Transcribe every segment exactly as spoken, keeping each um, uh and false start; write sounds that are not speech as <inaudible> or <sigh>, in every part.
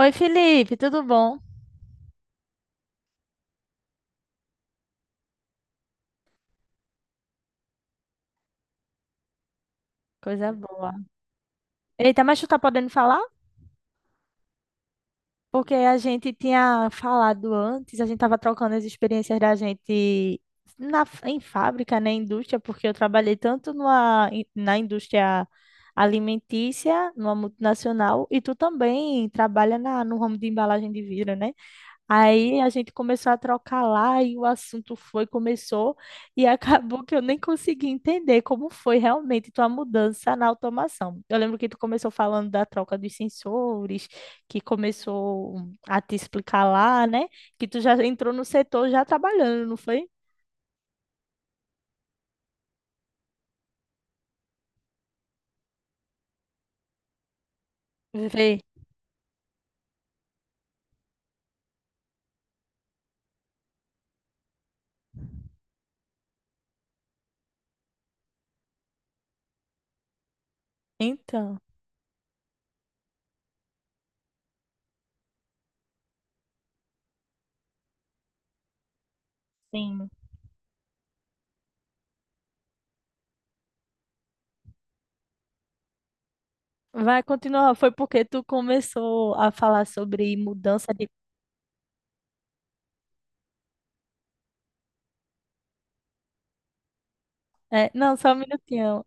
Oi, Felipe, tudo bom? Coisa boa. Eita, mas tu tá podendo falar? Porque a gente tinha falado antes, a gente tava trocando as experiências da gente na, em fábrica, né, indústria, porque eu trabalhei tanto numa, in- na indústria alimentícia, numa multinacional, e tu também trabalha na, no ramo de embalagem de vidro, né? Aí a gente começou a trocar lá e o assunto foi, começou e <laughs> acabou que eu nem consegui entender como foi realmente tua mudança na automação. Eu lembro que tu começou falando da troca dos sensores, que começou a te explicar lá, né? Que tu já entrou no setor já trabalhando, não foi? Vê. Então, sim, vai continuar. Foi porque tu começou a falar sobre mudança de. É, não, só um minutinho.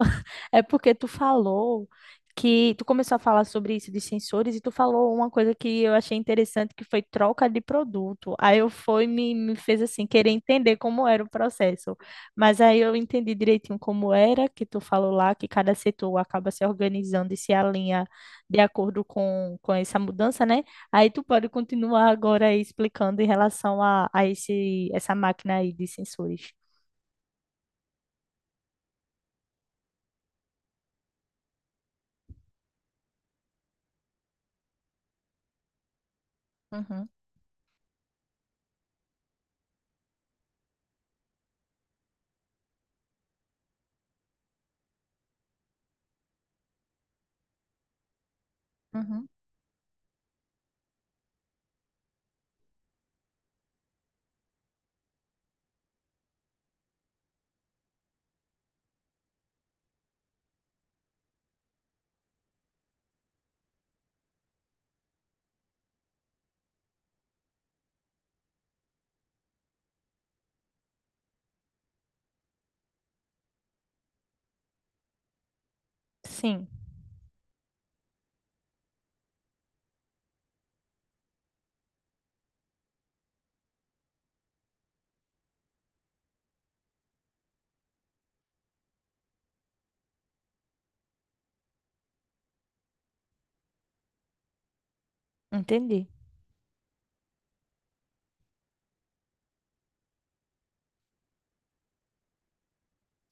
É porque tu falou que tu começou a falar sobre isso de sensores e tu falou uma coisa que eu achei interessante que foi troca de produto. Aí eu fui me, me fez assim querer entender como era o processo. Mas aí eu entendi direitinho como era que tu falou lá que cada setor acaba se organizando e se alinha de acordo com, com essa mudança, né? Aí tu pode continuar agora aí explicando em relação a, a esse essa máquina aí de sensores. Uhum, uhum. Sim, entendi.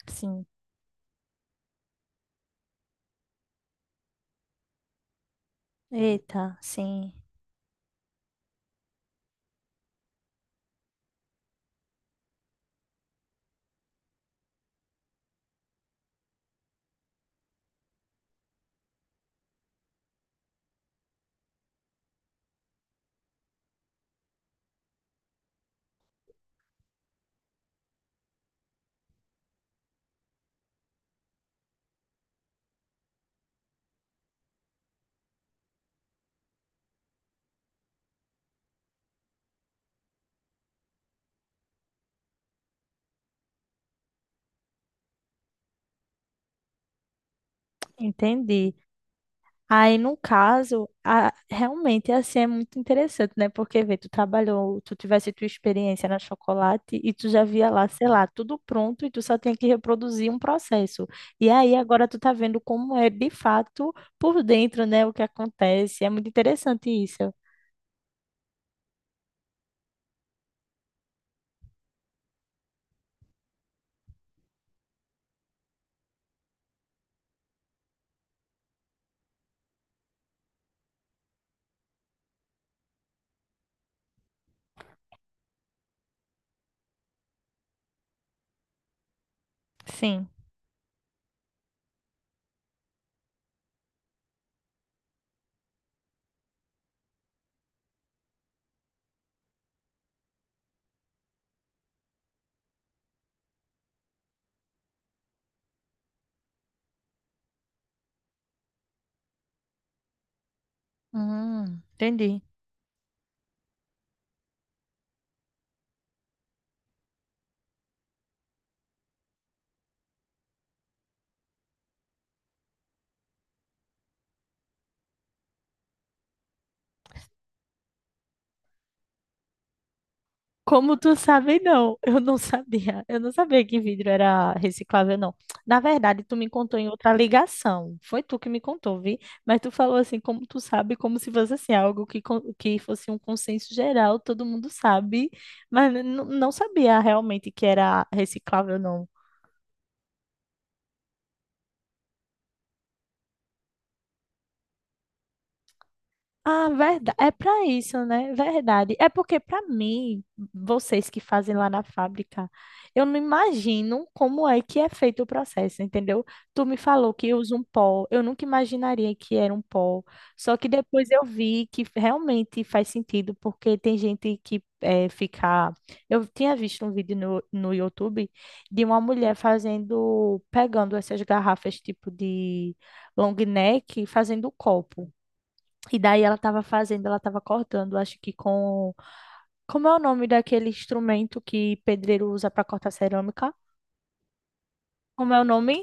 Sim. Eita, sim, entendi. Aí, no caso, a- realmente assim é muito interessante, né? Porque, vê, tu trabalhou, tu tivesse tua experiência na chocolate e tu já via lá, sei lá, tudo pronto e tu só tinha que reproduzir um processo. E aí, agora tu tá vendo como é de fato por dentro, né? O que acontece. É muito interessante isso. Sim. Hum, entendi. Como tu sabe, não. Eu não sabia. Eu não sabia que vidro era reciclável, não. Na verdade, tu me contou em outra ligação. Foi tu que me contou, vi? Mas tu falou assim, como tu sabe, como se fosse assim, algo que, con- que fosse um consenso geral, todo mundo sabe. Mas n- não sabia realmente que era reciclável, não. Ah, verdade. É para isso, né? Verdade. É porque para mim, vocês que fazem lá na fábrica, eu não imagino como é que é feito o processo, entendeu? Tu me falou que usa um pó. Eu nunca imaginaria que era um pó. Só que depois eu vi que realmente faz sentido, porque tem gente que é, fica. Eu tinha visto um vídeo no, no YouTube de uma mulher fazendo, pegando essas garrafas tipo de long neck, e fazendo copo. E daí ela tava fazendo, ela tava cortando, acho que com. Como é o nome daquele instrumento que pedreiro usa pra cortar cerâmica? Como é o nome?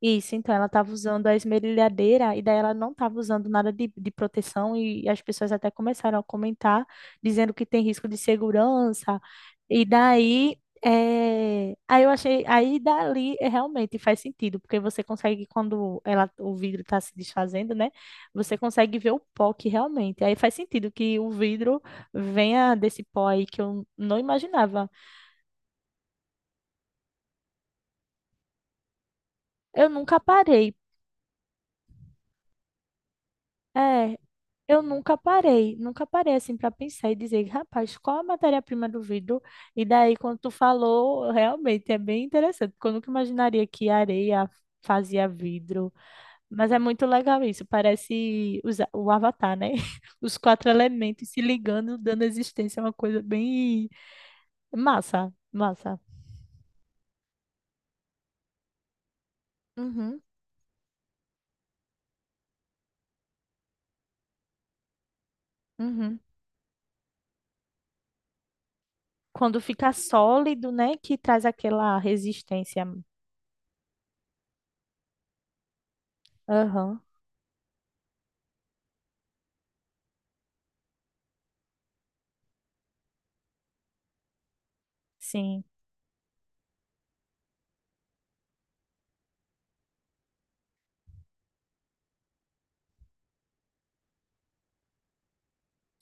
Isso, então ela estava usando a esmerilhadeira e daí ela não estava usando nada de, de proteção e as pessoas até começaram a comentar, dizendo que tem risco de segurança. E daí, eh, aí eu achei, aí dali eh, realmente faz sentido, porque você consegue, quando ela, o vidro está se desfazendo, né? Você consegue ver o pó que realmente. Aí faz sentido que o vidro venha desse pó aí que eu não imaginava. Eu nunca parei É, eu nunca parei, nunca parei assim para pensar e dizer, rapaz, qual a matéria-prima do vidro? E daí, quando tu falou, realmente é bem interessante, porque eu nunca imaginaria que areia fazia vidro. Mas é muito legal isso, parece os a- o Avatar, né? <laughs> Os quatro elementos se ligando, dando existência, é uma coisa bem massa, massa. Uhum, uhum. Quando fica sólido, né, que traz aquela resistência. Aham, sim.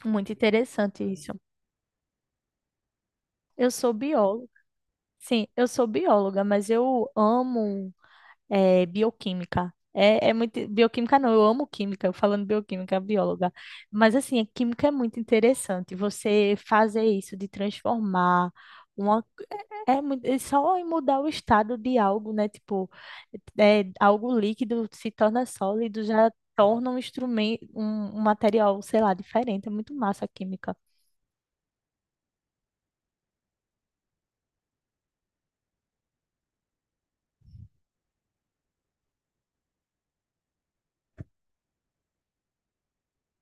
Muito interessante isso. Eu sou bióloga. Sim, eu sou bióloga, mas eu amo eh, bioquímica. É, é muito. Bioquímica não, eu amo química, eu falando bioquímica, bióloga. Mas assim, a química é muito interessante. Você fazer isso de transformar uma. É, é muito- é só em mudar o estado de algo, né? Tipo, é, algo líquido se torna sólido, já torna um instrumento, um, um material, sei lá, diferente. É muito massa a química.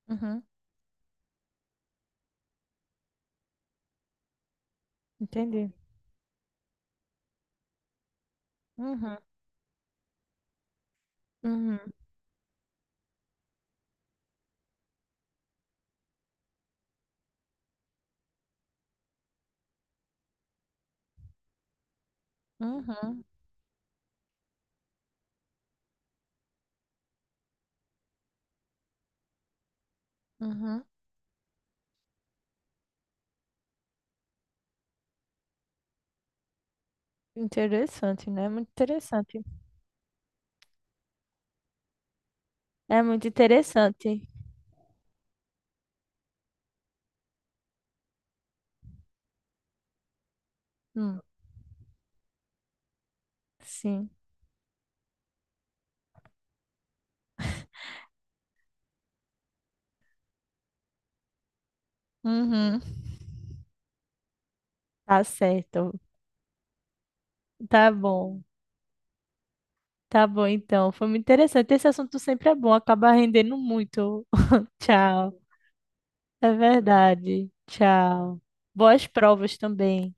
Uhum, entendi. Uhum, uhum, uhum. Uhum. Interessante, né? Muito interessante. É muito interessante. Hum, sim. Uhum. Tá certo. Tá bom. Tá bom, então. Foi muito interessante. Esse assunto sempre é bom, acaba rendendo muito. <laughs> Tchau. É verdade. Tchau. Boas provas também.